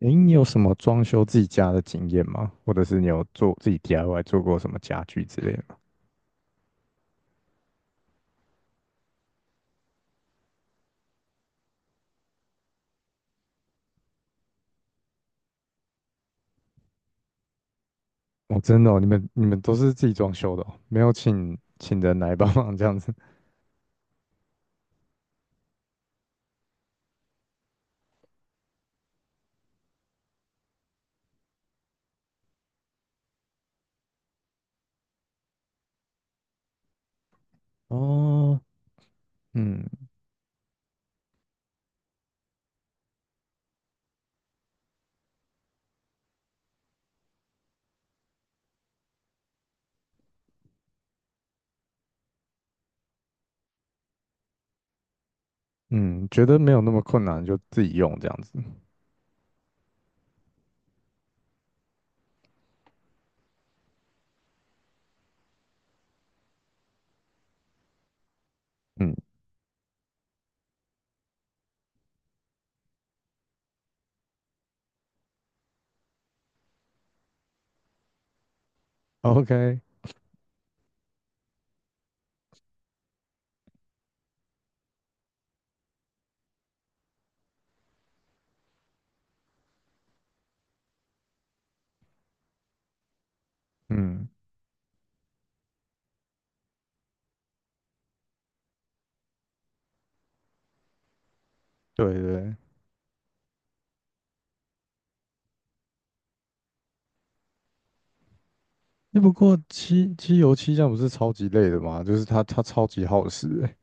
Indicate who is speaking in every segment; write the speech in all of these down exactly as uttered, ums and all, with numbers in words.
Speaker 1: 诶，你有什么装修自己家的经验吗？或者是你有做自己 D I Y 做过什么家具之类的吗？哦，真的哦，你们你们都是自己装修的哦，没有请请人来帮忙这样子。哦，嗯嗯，觉得没有那么困难就自己用这样子。嗯，OK，嗯，对对。那不过漆漆油漆这样不是超级累的吗？就是它它超级耗时诶，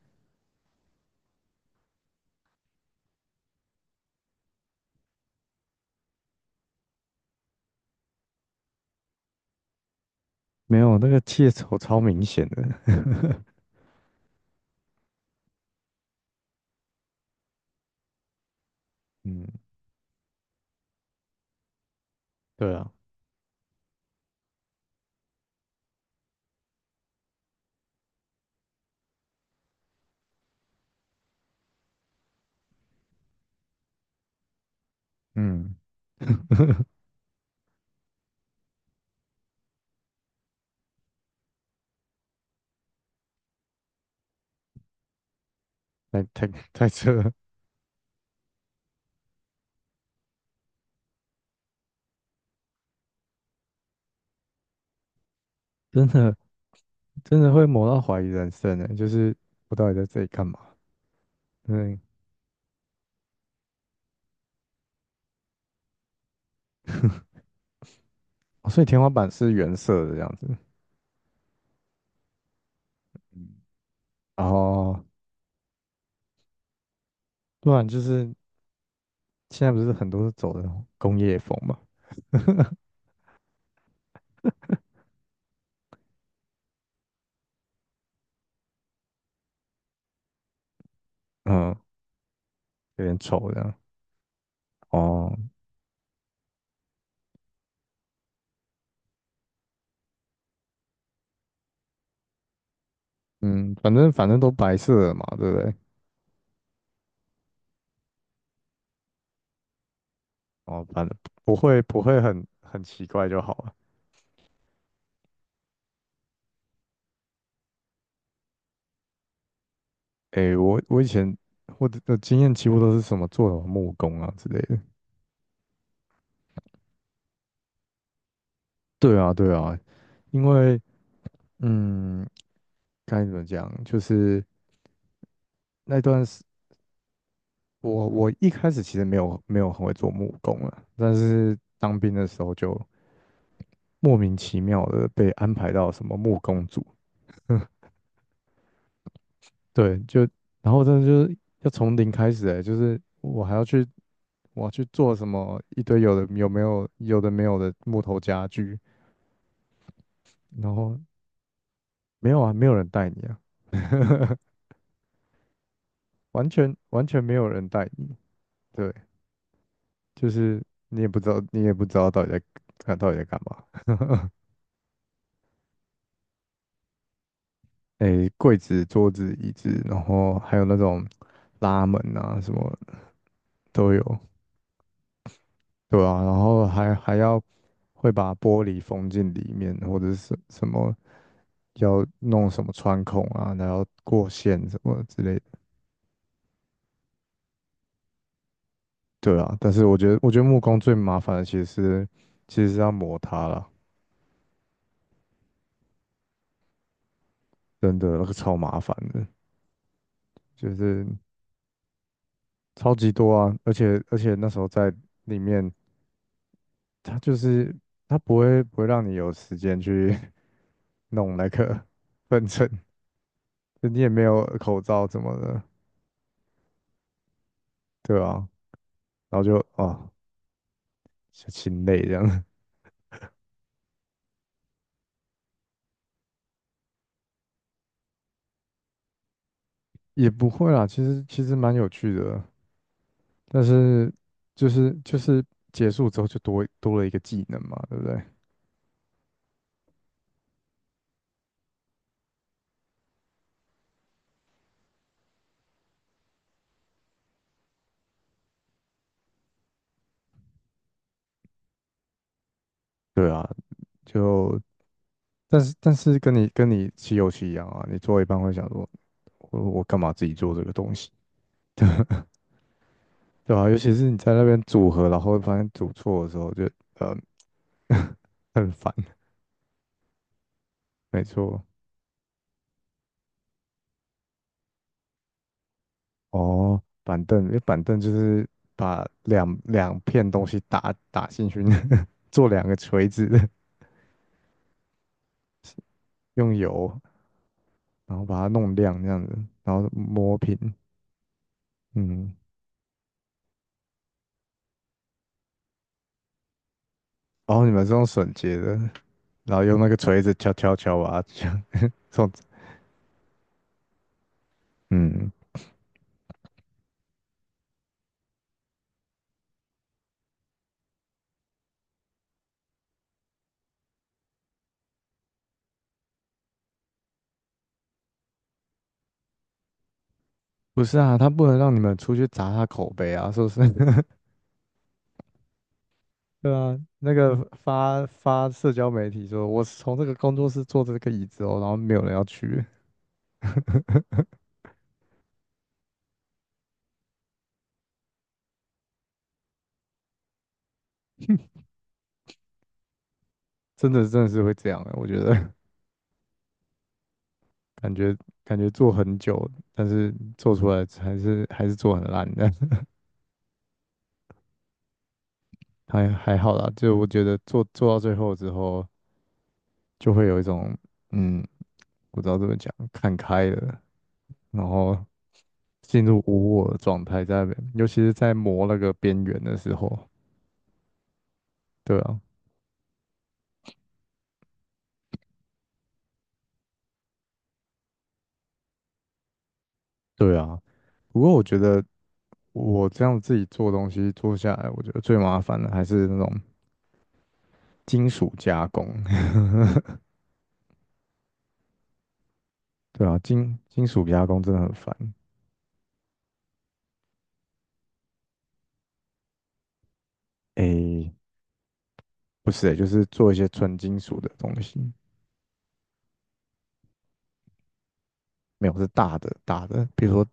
Speaker 1: 没有那个切头超明显的。嗯，对啊，嗯，太太太扯了。真的真的会磨到怀疑人生呢，就是我到底在这里干嘛？嗯，哦所以天花板是原色的这样子，嗯，然后不然就是现在不是很多是走的工业风嘛，嗯，有点丑这样。哦，嗯，反正反正都白色的嘛，对不对？哦，反正不会不会很很奇怪就好了。诶，我我以前我的的经验几乎都是什么做什么木工啊之类的。对啊，对啊，因为嗯，该怎么讲，就是。那段时，我我一开始其实没有没有很会做木工啊，但是当兵的时候就莫名其妙的被安排到什么木工组，对，就然后真的就是要从零开始哎、就是我还要去我要去做什么一堆有的有没有有的没有的木头家具，然后没有啊，没有人带你啊，完全完全没有人带你，对，就是你也不知道你也不知道到底在看到底在干嘛。诶，柜子、桌子、椅子，然后还有那种拉门啊，什么都有，对啊，然后还还要会把玻璃封进里面，或者是什么要弄什么穿孔啊，然后过线什么之类的，对啊。但是我觉得，我觉得木工最麻烦的其实是其实是要磨它啦，真的那个超麻烦的，就是超级多啊，而且而且那时候在里面，它就是它不会不会让你有时间去。弄那个 分尘，就你也没有口罩怎么的，对啊，然后就啊，就心累这样，也不会啦，其实其实蛮有趣的，但是就是就是结束之后就多多了一个技能嘛，对不对？对啊，就但是但是跟你跟你骑游戏一样啊，你做一半会想说，我我干嘛自己做这个东西，对啊，尤其是你在那边组合，然后发现组错的时候就，呃 很烦，没错。哦，板凳，因为板凳就是把两两片东西打打进去，做两个锤子，用油，然后把它弄亮这样子，然后磨平，嗯，然后你们是用榫接的，然后用那个锤子敲敲敲啊，这样，这样子，嗯，不是啊，他不能让你们出去砸他口碑啊，是不是？对啊，那个发发社交媒体说，我是从这个工作室做这个椅子哦，然后没有人要去，真的真的是会这样的，我觉得。感觉感觉做很久，但是做出来还是还是做很烂的，还还好啦。就我觉得做做到最后之后，就会有一种嗯，不知道怎么讲，看开了，然后进入无我的状态在那边，尤其是在磨那个边缘的时候。对啊，对啊。不过我觉得我这样自己做东西做下来，我觉得最麻烦的还是那种金属加工。对啊，金金属加工真的很烦。诶，不是、欸，就是做一些纯金属的东西，没有是大的大的，比如说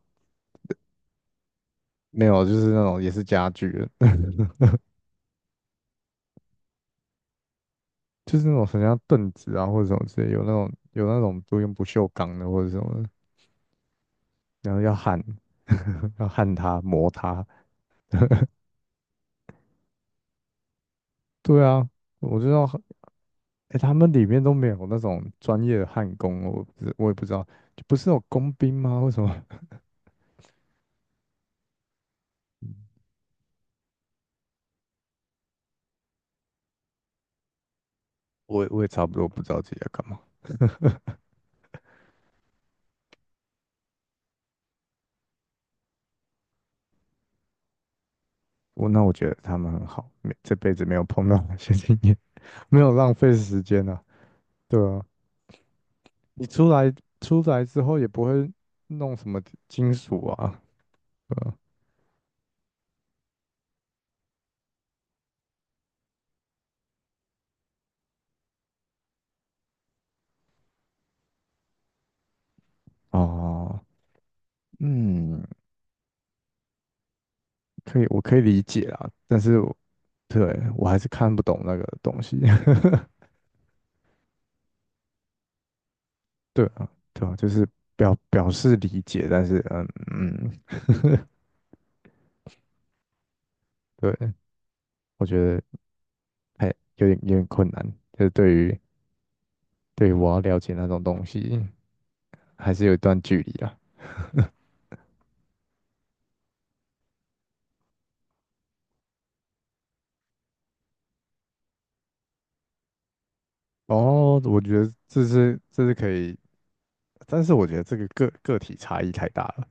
Speaker 1: 没有就是那种也是家具的 就是那种什么像凳子啊或者什么之类，有那种有那种都用不锈钢的或者什么的然后要焊要焊它磨它，对啊，我知道，哎、他们里面都没有那种专业的焊工，我不知我也不知道，就不是有工兵吗？为什么？我我也差不多不知道自己在干嘛。我那我觉得他们很好，没这辈子没有碰到那些经验，没有浪费时间啊。对啊，你出来出来之后也不会弄什么金属啊，对吧哦，嗯，可以，我可以理解啊。但是我对我还是看不懂那个东西。对啊，对啊，就是表表示理解，但是嗯嗯，对，我觉得还有点有点困难，就是对于对于我要了解那种东西，还是有一段距离啊。哦，我觉得这是这是可以，但是我觉得这个个个体差异太大了。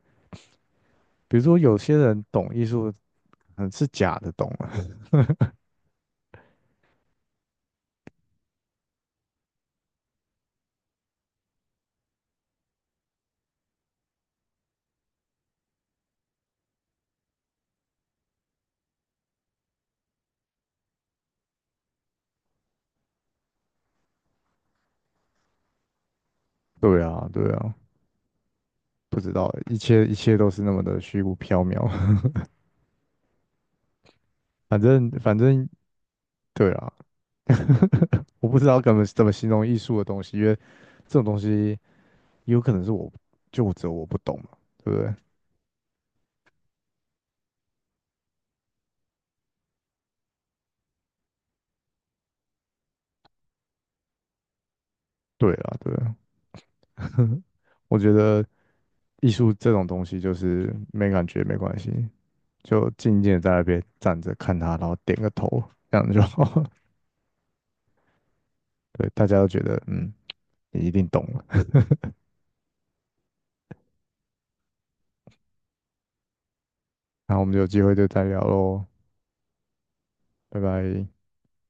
Speaker 1: 比如说有些人懂艺术，嗯，是假的懂啊。对啊，对啊，不知道，一切一切都是那么的虚无缥缈。反正反正，对啊，我不知道怎么怎么形容艺术的东西，因为这种东西有可能是我就只有我不懂嘛，对不对？对啊，对啊，我觉得艺术这种东西就是没感觉没关系，就静静的在那边站着看它，然后点个头，这样就好。对，大家都觉得嗯，你一定懂了。那我们有机会就再聊喽，拜拜。